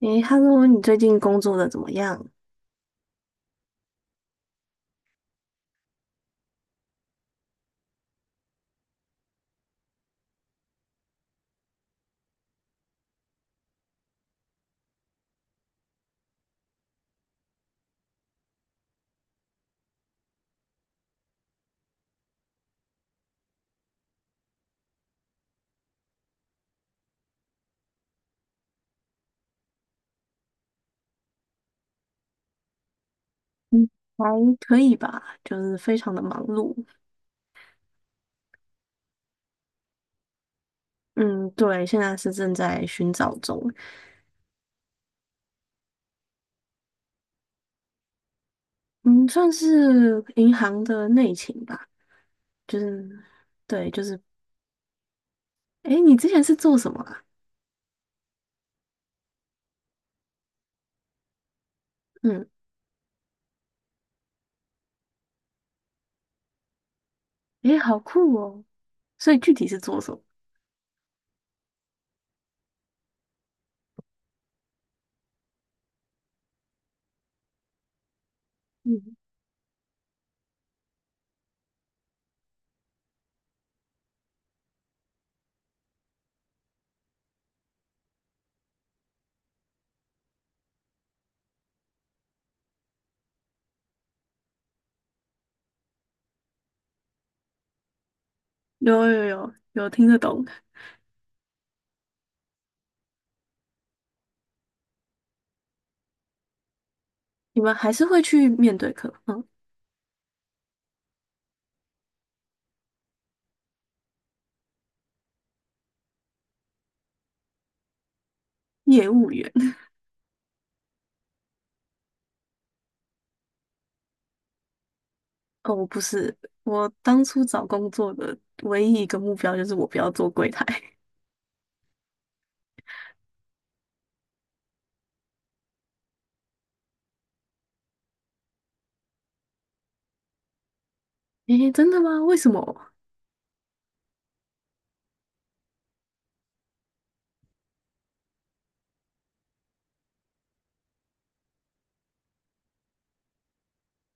诶，Hello，你最近工作的怎么样？还可以吧，就是非常的忙碌。嗯，对，现在是正在寻找中。嗯，算是银行的内勤吧，就是，对，就是，诶，你之前是做什么啊？嗯，诶，好酷哦。所以具体是做什么？嗯，有,听得懂。你们还是会去面对客户，嗯，业务员。哦，不是，我当初找工作的唯一一个目标就是我不要做柜台。诶，真的吗？为什么？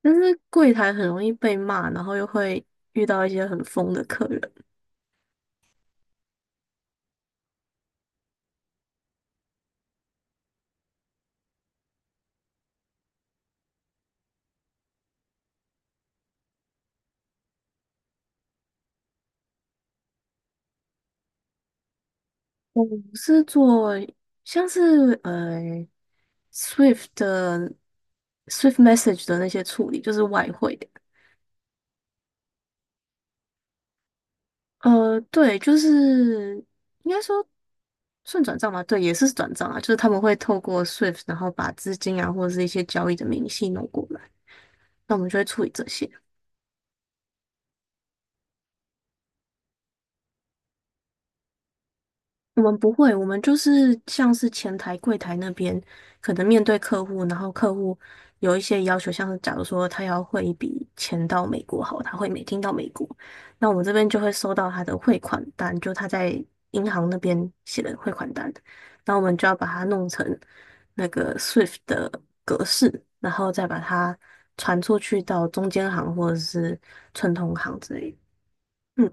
但是柜台很容易被骂，然后又会遇到一些很疯的客人。我是做像是Swift 的 Swift Message 的那些处理，就是外汇的。对，就是应该说算转账吗？对，也是转账啊，就是他们会透过 Swift，然后把资金啊或者是一些交易的明细弄过来，那我们就会处理这些。我们不会，我们就是像是前台、柜台那边，可能面对客户，然后客户有一些要求，像是假如说他要汇一笔钱到美国，好，他会每金到美国，那我们这边就会收到他的汇款单，就他在银行那边写的汇款单，那我们就要把它弄成那个 SWIFT 的格式，然后再把它传出去到中间行或者是串通行之类的。嗯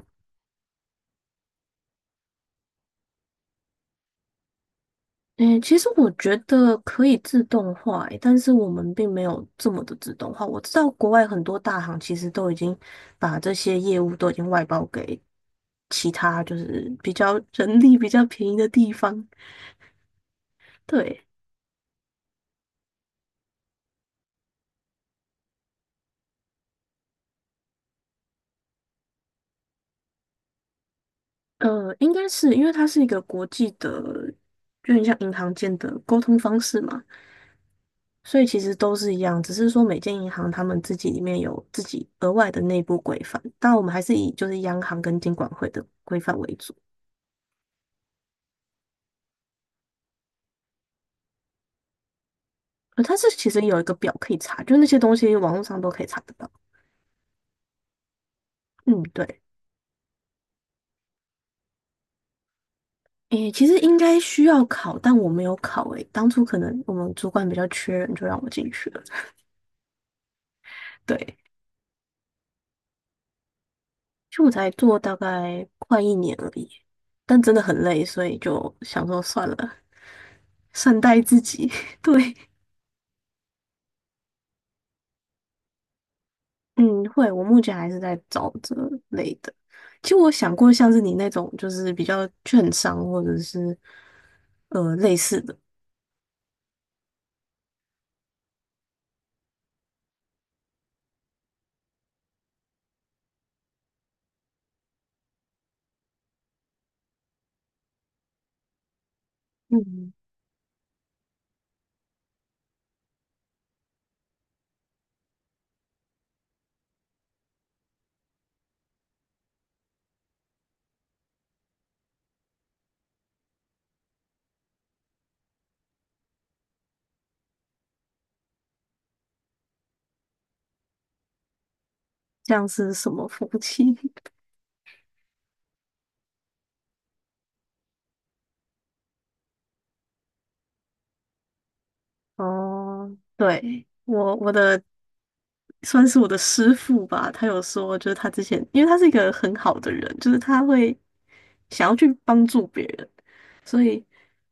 嗯，其实我觉得可以自动化诶，但是我们并没有这么的自动化。我知道国外很多大行其实都已经把这些业务都已经外包给其他就是比较 人力比较便宜的地方。对，应该是因为它是一个国际的，就很像银行间的沟通方式嘛，所以其实都是一样，只是说每间银行他们自己里面有自己额外的内部规范，但我们还是以就是央行跟金管会的规范为主。它是其实有一个表可以查，就是那些东西网络上都可以查得到。嗯，对。诶，其实应该需要考，但我没有考诶。当初可能我们主管比较缺人，就让我进去了。对，就我才做大概快一年而已，但真的很累，所以就想说算了，善待自己。对，嗯，会，我目前还是在找这类的。其实我想过像是你那种，就是比较券商或者是类似的，嗯，像是什么服务器哦，对，我的算是我的师傅吧，他有说，就是他之前，因为他是一个很好的人，就是他会想要去帮助别人，所以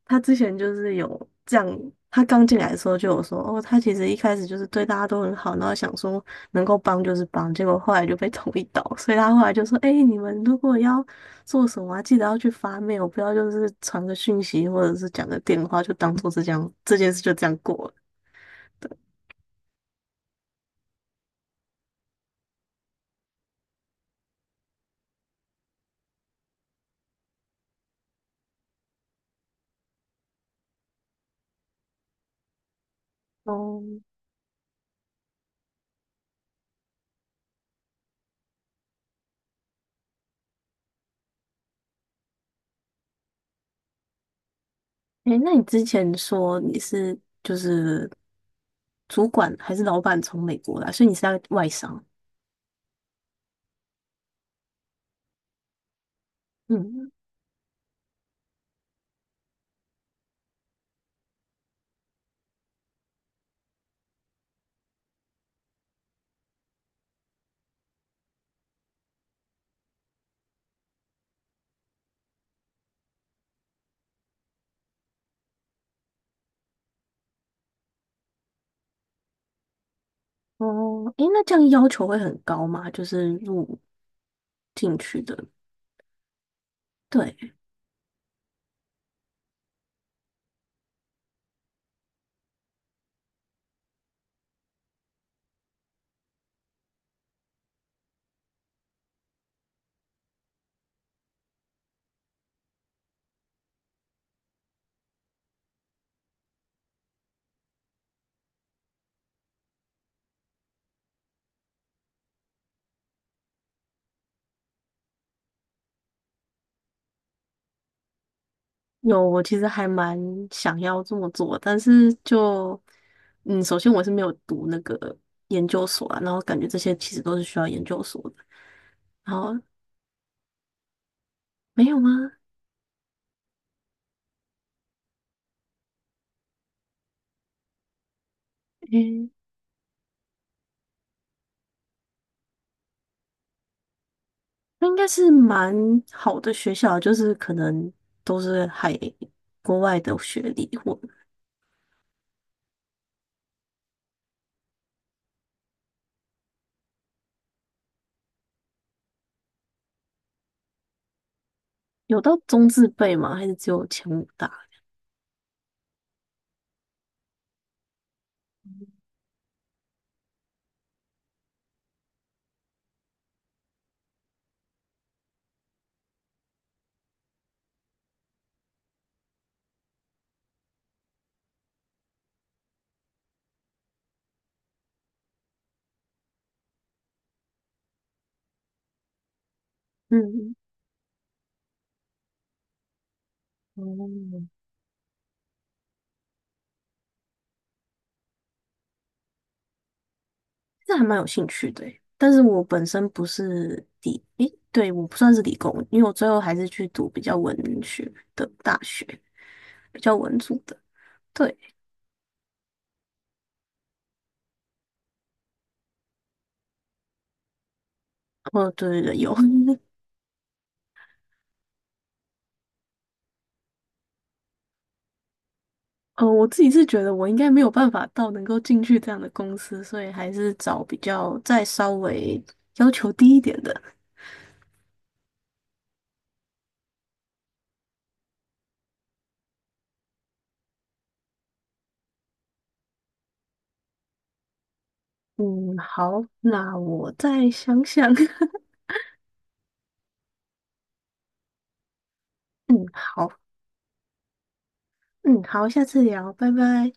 他之前就是有这样，他刚进来的时候就有说，哦，他其实一开始就是对大家都很好，然后想说能够帮就是帮，结果后来就被 捅一刀，所以他后来就说，哎，你们如果要做什么啊？记得要去发 mail，不要就是传个讯息或者是讲个电话，就当做是这样，这件事就这样过了。哦，诶，那你之前说你是就是主管还是老板从美国来，所以你是在外商。嗯，哦，诶，那这样要求会很高吗？就是入进去的，对，有，我其实还蛮想要这么做，但是就，嗯，首先我是没有读那个研究所啊，然后感觉这些其实都是需要研究所的，然后没有吗？嗯，那应该是蛮好的学校，就是可能都是海国外的学历，或有到中字辈吗？还是只有前五大？嗯。哦，这还蛮有兴趣的欸但是我本身不是理，诶，对，我不算是理工，因为我最后还是去读比较文学的大学，比较文组的。对，哦，对对对，有，我自己是觉得我应该没有办法到能够进去这样的公司，所以还是找比较再稍微要求低一点的。嗯，好，那我再想想。嗯，好，嗯，好，下次聊，拜拜。